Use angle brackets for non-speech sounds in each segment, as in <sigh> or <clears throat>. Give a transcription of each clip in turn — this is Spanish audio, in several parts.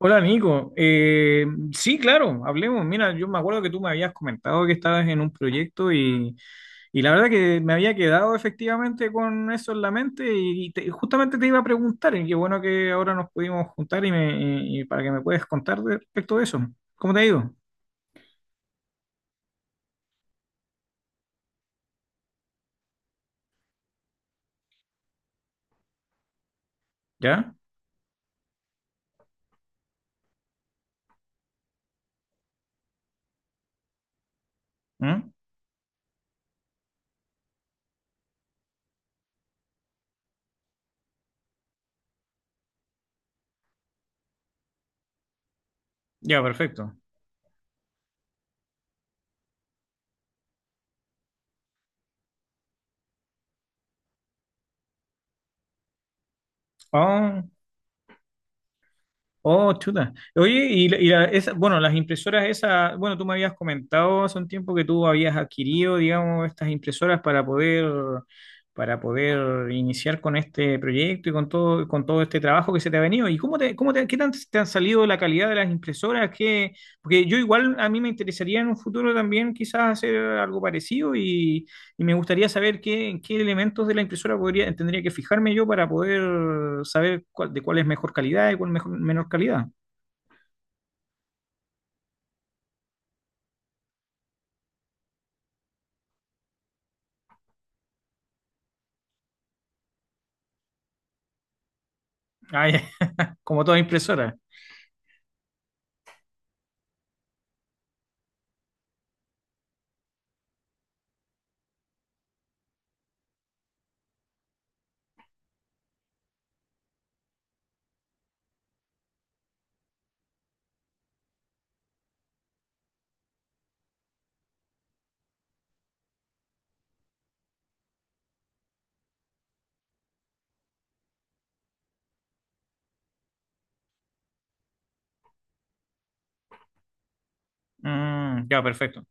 Hola Nico. Sí, claro, hablemos. Mira, yo me acuerdo que tú me habías comentado que estabas en un proyecto y la verdad que me había quedado efectivamente con eso en la mente y, justamente te iba a preguntar y qué bueno que ahora nos pudimos juntar y para que me puedas contar respecto de eso. ¿Cómo te ha ido? ¿Ya? ¿Mm? Ya, perfecto. Ah, oh, chuta. Oye, bueno, las impresoras esas, bueno, tú me habías comentado hace un tiempo que tú habías adquirido, digamos, estas impresoras para poder iniciar con este proyecto y con todo este trabajo que se te ha venido. ¿Y cómo te, qué tan te han salido la calidad de las impresoras? ¿Porque yo igual a mí me interesaría en un futuro también quizás hacer algo parecido y me gustaría saber en qué elementos de la impresora podría, tendría que fijarme yo para poder saber de cuál es mejor calidad y cuál mejor, menor calidad? Ah, ya. <laughs> Como toda impresora. Mm, ya, perfecto.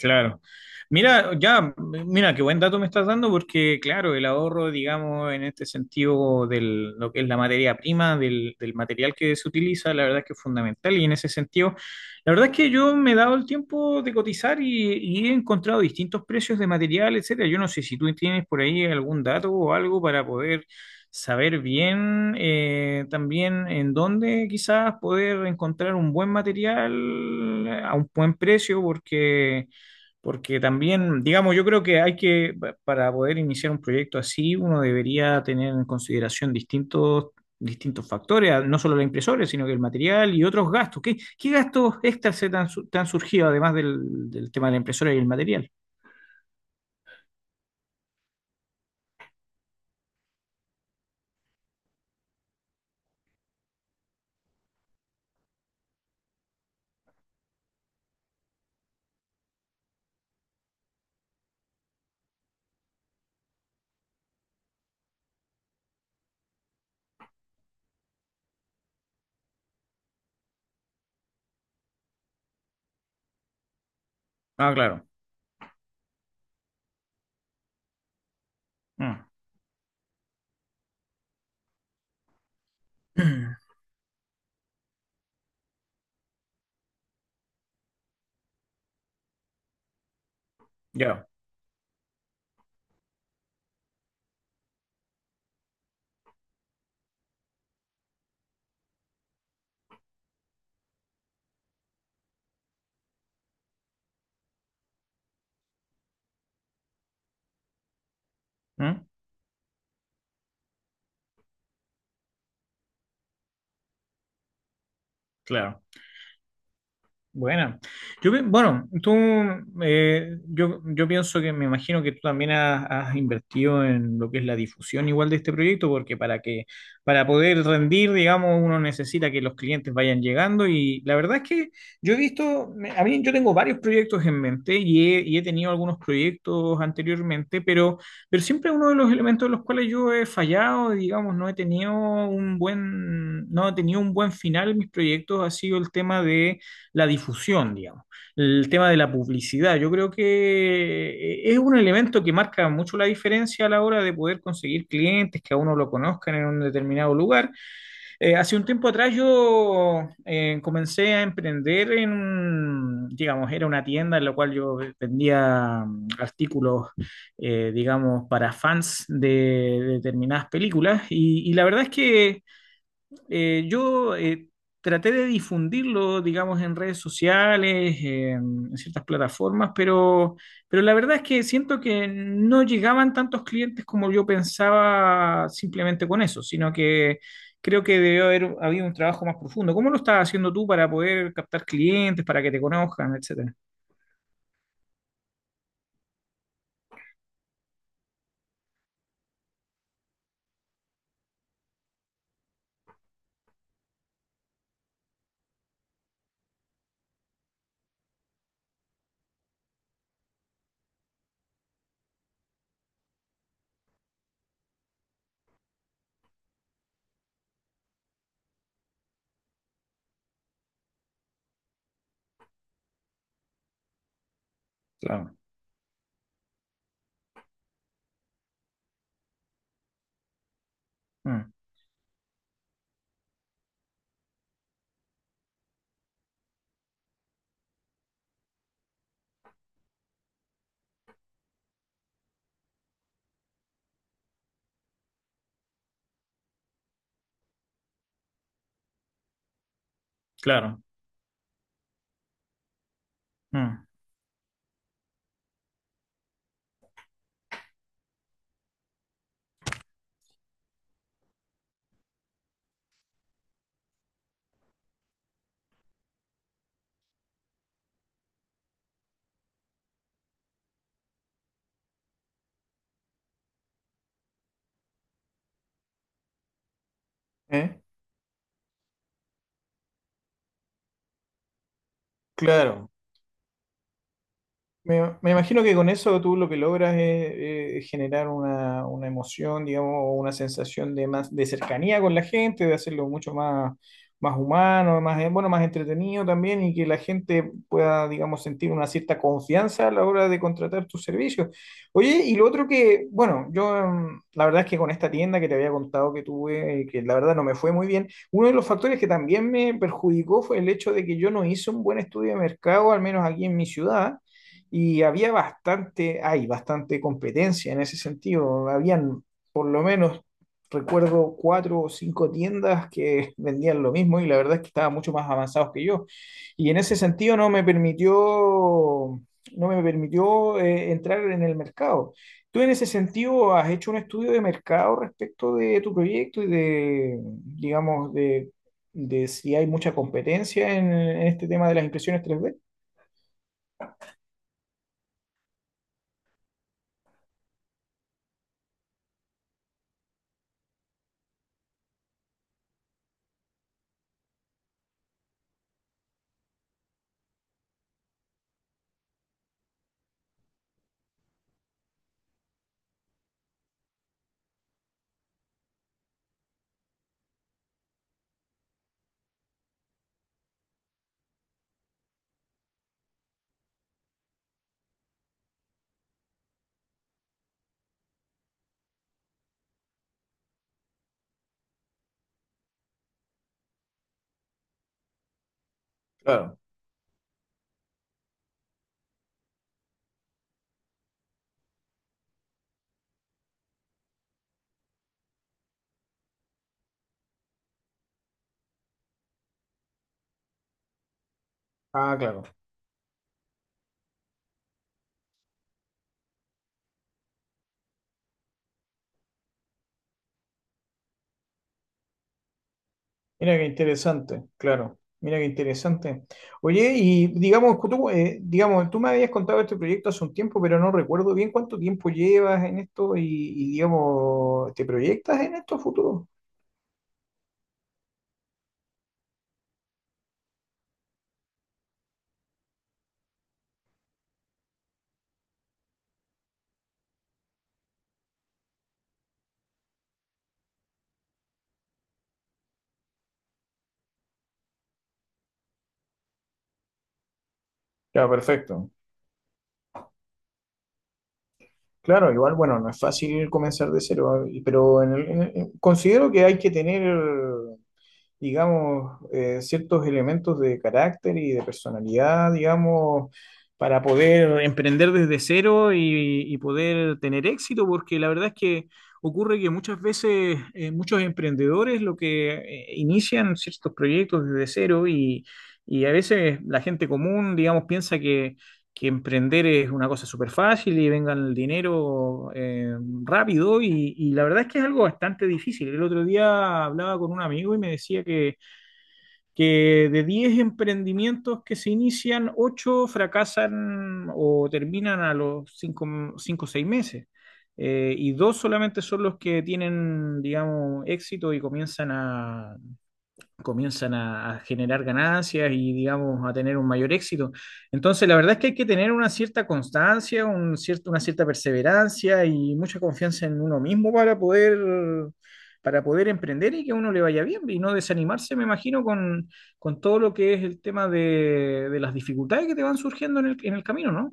Claro. Mira, qué buen dato me estás dando porque, claro, el ahorro, digamos, en este sentido de lo que es la materia prima, del material que se utiliza, la verdad es que es fundamental y en ese sentido, la verdad es que yo me he dado el tiempo de cotizar y he encontrado distintos precios de material, etcétera. Yo no sé si tú tienes por ahí algún dato o algo para poder saber bien, también en dónde quizás poder encontrar un buen material a un buen precio porque... Porque también, digamos, yo creo que hay que, para poder iniciar un proyecto así, uno debería tener en consideración distintos factores, ah, no solo la impresora, sino que el material y otros gastos. ¿Qué gastos extras se te han, te han surgido además del tema de la impresora y el material? Ah, claro. Mm. <clears throat> Ya. Mm, claro. Buena. Bueno, tú, yo pienso que me imagino que tú también has invertido en lo que es la difusión igual de este proyecto, porque para poder rendir, digamos, uno necesita que los clientes vayan llegando y la verdad es que yo he visto, a mí yo tengo varios proyectos en mente y he tenido algunos proyectos anteriormente, pero siempre uno de los elementos en los cuales yo he fallado, digamos, no he tenido un buen final en mis proyectos ha sido el tema de la difusión, digamos. El tema de la publicidad, yo creo que, es un elemento que marca mucho la diferencia a la hora de poder conseguir clientes que a uno lo conozcan en un determinado lugar. Hace un tiempo atrás yo, comencé a emprender en, digamos, era una tienda en la cual yo vendía, artículos, digamos, para fans de determinadas películas y la verdad es que, yo, traté de difundirlo, digamos, en redes sociales, en ciertas plataformas, pero la verdad es que siento que no llegaban tantos clientes como yo pensaba simplemente con eso, sino que creo que debió haber habido un trabajo más profundo. ¿Cómo lo estás haciendo tú para poder captar clientes, para que te conozcan, etcétera? Claro. Mm, claro. Mm. ¿Eh? Claro. Me imagino que con eso tú lo que logras es, generar una, emoción, digamos, o una sensación de más de cercanía con la gente, de hacerlo mucho más humano, más, bueno, más entretenido también, y que la gente pueda, digamos, sentir una cierta confianza a la hora de contratar tus servicios. Oye, y lo otro que, bueno, yo, la verdad es que con esta tienda que te había contado que tuve, que la verdad no me fue muy bien, uno de los factores que también me perjudicó fue el hecho de que yo no hice un buen estudio de mercado, al menos aquí en mi ciudad y había bastante, hay bastante competencia en ese sentido. Habían por lo menos, recuerdo, cuatro o cinco tiendas que <laughs> vendían lo mismo y la verdad es que estaban mucho más avanzados que yo. Y en ese sentido no me permitió, entrar en el mercado. ¿Tú en ese sentido has hecho un estudio de mercado respecto de tu proyecto y de, digamos, de, si hay mucha competencia en este tema de las impresiones 3D? Claro. Ah, claro. Mira qué interesante, claro. Mira qué interesante. Oye, y digamos, tú me habías contado este proyecto hace un tiempo, pero no recuerdo bien cuánto tiempo llevas en esto y, digamos, ¿te proyectas en esto a futuro? Ya, perfecto. Claro, igual, bueno, no es fácil comenzar de cero, pero considero que hay que tener, digamos, ciertos elementos de carácter y de personalidad, digamos, para poder emprender desde cero y poder tener éxito, porque la verdad es que ocurre que muchas veces, muchos emprendedores lo que, inician ciertos proyectos desde cero y a veces la gente común, digamos, piensa que emprender es una cosa súper fácil y vengan el dinero, rápido y la verdad es que es algo bastante difícil. El otro día hablaba con un amigo y me decía que, de 10 emprendimientos que se inician, 8 fracasan o terminan a los 5 o 6 meses. Y dos solamente son los que tienen, digamos, éxito y comienzan a generar ganancias y, digamos, a tener un mayor éxito. Entonces, la verdad es que hay que tener una cierta constancia, un cierto, una cierta perseverancia y mucha confianza en uno mismo para poder emprender y que a uno le vaya bien y no desanimarse, me imagino, con todo lo que es el tema de las dificultades que te van surgiendo en el camino, ¿no?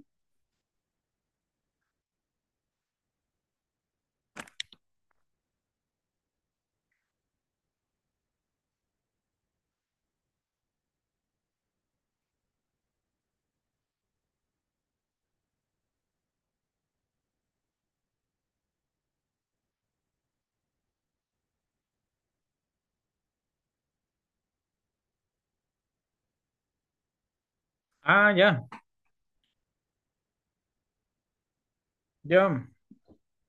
Ah, ya, ya.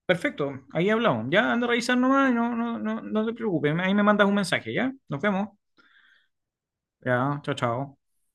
Perfecto, ahí hablamos. Ya anda a revisar nomás, y no, no, no, no te preocupes. Ahí me mandas un mensaje, ¿ya? Nos vemos. Ya, chao, chao.